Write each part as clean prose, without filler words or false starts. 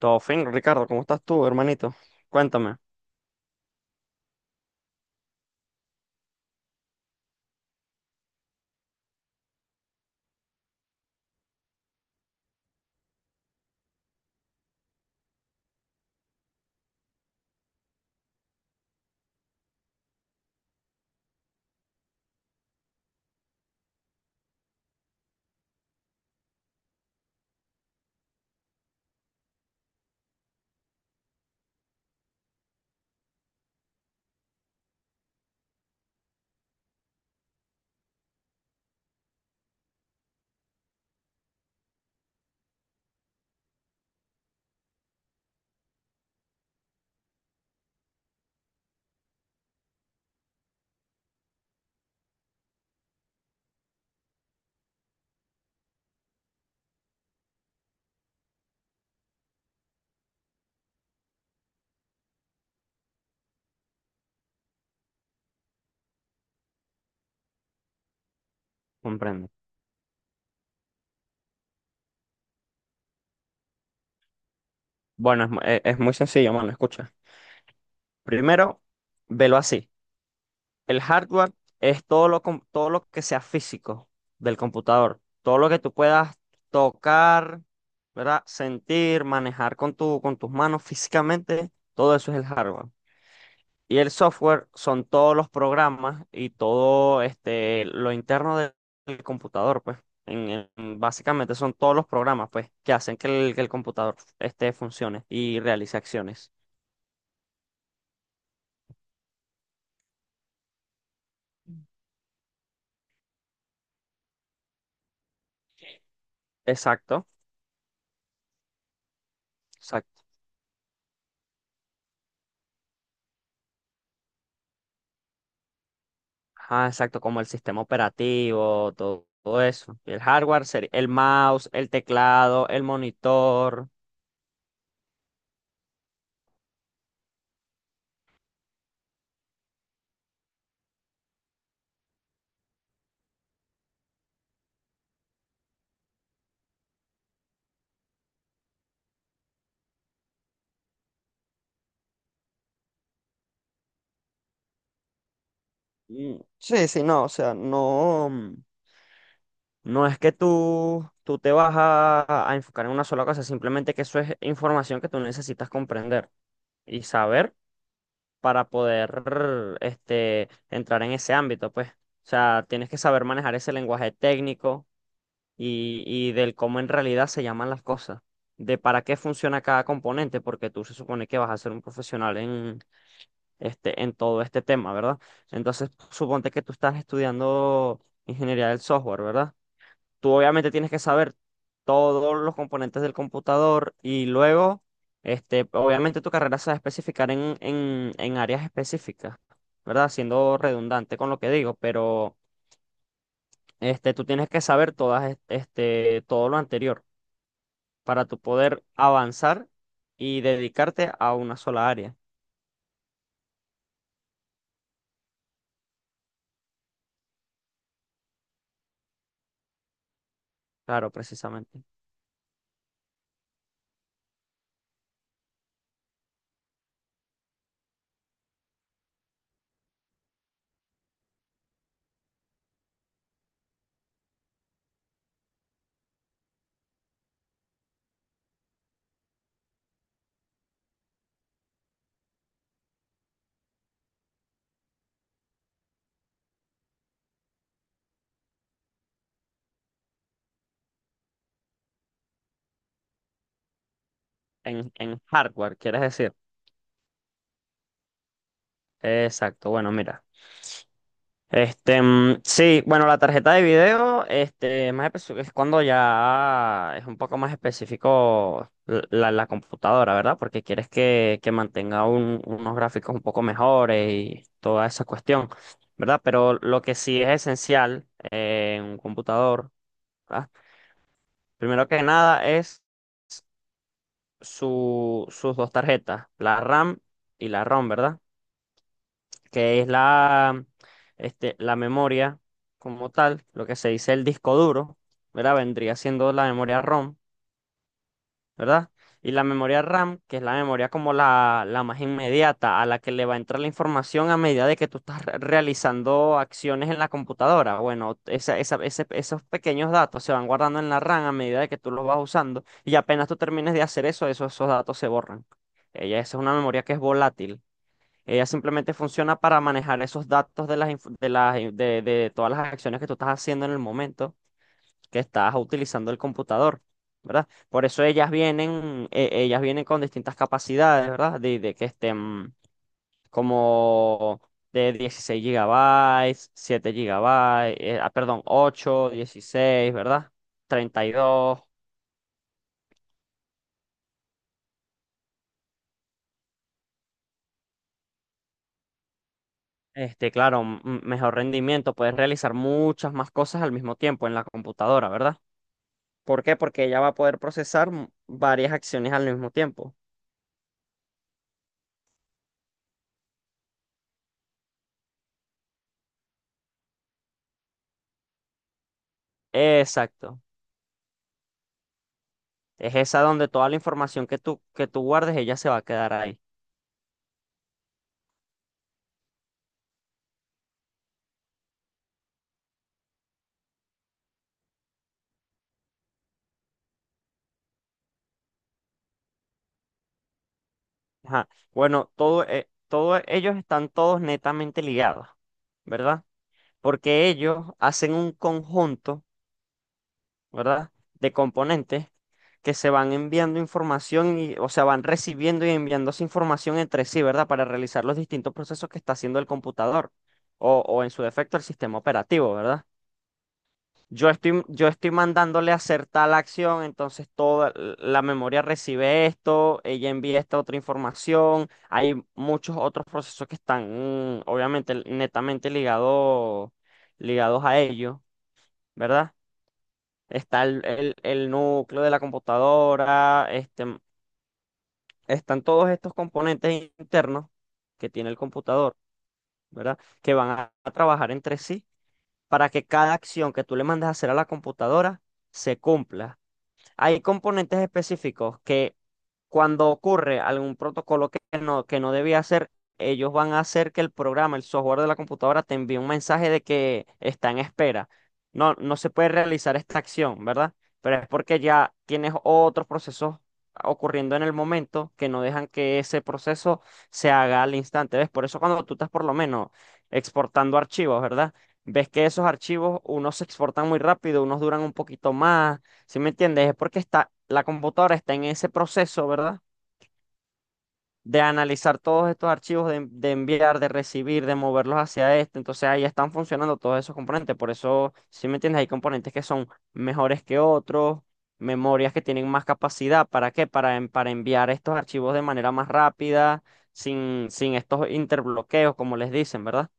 Todo fin, Ricardo, ¿cómo estás tú, hermanito? Cuéntame, comprendo. Bueno, es muy sencillo, mano, escucha. Primero, velo así. El hardware es todo lo que sea físico del computador, todo lo que tú puedas tocar, ¿verdad? Sentir, manejar con tu, con tus manos físicamente, todo eso es el hardware. Y el software son todos los programas y todo lo interno del computador, pues. En- Básicamente son todos los programas, pues, que hacen que el computador funcione y realice acciones. Exacto, exacto. Ajá, exacto, como el sistema operativo, todo eso. El hardware sería el mouse, el teclado, el monitor. Mm. Sí, sí, no, o sea, no. No es que tú te vas a enfocar en una sola cosa, simplemente que eso es información que tú necesitas comprender y saber para poder entrar en ese ámbito, pues. O sea, tienes que saber manejar ese lenguaje técnico y del cómo en realidad se llaman las cosas, de para qué funciona cada componente, porque tú se supone que vas a ser un profesional en todo este tema, ¿verdad? Entonces, suponte que tú estás estudiando ingeniería del software, ¿verdad? Tú obviamente tienes que saber todos los componentes del computador y luego, obviamente tu carrera se va a especificar en áreas específicas, ¿verdad? Siendo redundante con lo que digo, pero tú tienes que saber todo lo anterior para tú poder avanzar y dedicarte a una sola área, claro, precisamente. En hardware, quieres decir. Exacto, bueno, mira. Sí, bueno, la tarjeta de video, este, es cuando ya es un poco más específico la computadora, ¿verdad? Porque quieres que mantenga unos gráficos un poco mejores y toda esa cuestión, ¿verdad? Pero lo que sí es esencial en un computador, ¿verdad? Primero que nada es sus dos tarjetas, la RAM y la ROM, ¿verdad? Que es la memoria como tal, lo que se dice el disco duro, ¿verdad? Vendría siendo la memoria ROM, ¿verdad? Y la memoria RAM, que es la memoria como la más inmediata, a la que le va a entrar la información a medida de que tú estás realizando acciones en la computadora. Bueno, esos pequeños datos se van guardando en la RAM a medida de que tú los vas usando, y apenas tú termines de hacer eso, esos datos se borran. Ella, esa es una memoria que es volátil. Ella simplemente funciona para manejar esos datos de las, inf- de las, de todas las acciones que tú estás haciendo en el momento que estás utilizando el computador, ¿verdad? Por eso ellas vienen con distintas capacidades, ¿verdad? De que estén como de 16 gigabytes, 7 gigabytes, perdón, 8, 16, ¿verdad? 32. Claro, mejor rendimiento, puedes realizar muchas más cosas al mismo tiempo en la computadora, ¿verdad? ¿Por qué? Porque ella va a poder procesar varias acciones al mismo tiempo. Exacto. Es esa donde toda la información que tú, guardes, ella se va a quedar ahí. Ajá. Bueno, todos ellos están todos netamente ligados, ¿verdad? Porque ellos hacen un conjunto, ¿verdad? De componentes que se van enviando información y, o sea, van recibiendo y enviándose información entre sí, ¿verdad? Para realizar los distintos procesos que está haciendo el computador o en su defecto el sistema operativo, ¿verdad? Yo estoy mandándole a hacer tal acción, entonces toda la memoria recibe esto, ella envía esta otra información. Hay muchos otros procesos que están, obviamente, netamente ligados a ello, ¿verdad? Está el núcleo de la computadora, están todos estos componentes internos que tiene el computador, ¿verdad? Que van a trabajar entre sí para que cada acción que tú le mandes a hacer a la computadora se cumpla. Hay componentes específicos que, cuando ocurre algún protocolo que no debía hacer, ellos van a hacer que el programa, el software de la computadora, te envíe un mensaje de que está en espera. No, no se puede realizar esta acción, ¿verdad? Pero es porque ya tienes otros procesos ocurriendo en el momento que no dejan que ese proceso se haga al instante. ¿Ves? Por eso cuando tú estás por lo menos exportando archivos, ¿verdad? Ves que esos archivos, unos se exportan muy rápido, unos duran un poquito más. ¿Sí me entiendes? Es porque la computadora está en ese proceso, ¿verdad? De analizar todos estos archivos, de enviar, de recibir, de moverlos hacia este. Entonces ahí están funcionando todos esos componentes. Por eso, ¿sí me entiendes? Hay componentes que son mejores que otros, memorias que tienen más capacidad. ¿Para qué? Para enviar estos archivos de manera más rápida, sin estos interbloqueos, como les dicen, ¿verdad?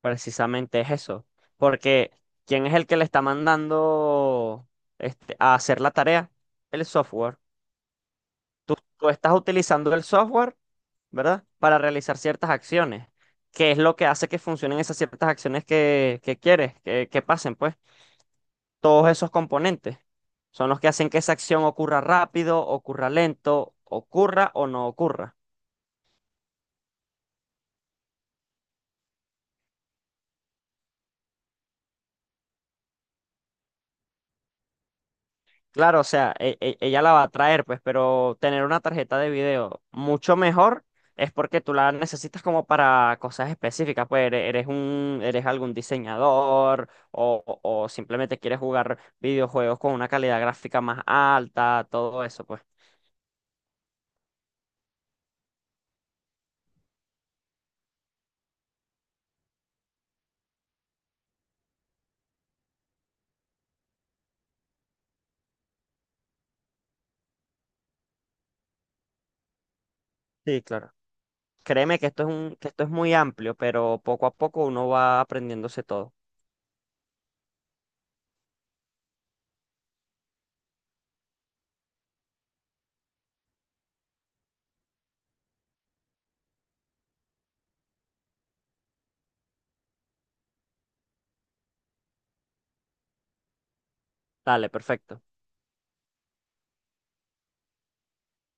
Precisamente es eso. Porque, ¿quién es el que le está mandando a hacer la tarea? El software. Tú estás utilizando el software, ¿verdad? Para realizar ciertas acciones. ¿Qué es lo que hace que funcionen esas ciertas acciones que quieres que pasen? Pues todos esos componentes son los que hacen que esa acción ocurra rápido, ocurra lento, ocurra o no ocurra. Claro, o sea, ella la va a traer, pues, pero tener una tarjeta de video mucho mejor es porque tú la necesitas como para cosas específicas, pues eres algún diseñador o simplemente quieres jugar videojuegos con una calidad gráfica más alta, todo eso, pues. Sí, claro. Créeme que esto es muy amplio, pero poco a poco uno va aprendiéndose todo. Dale, perfecto.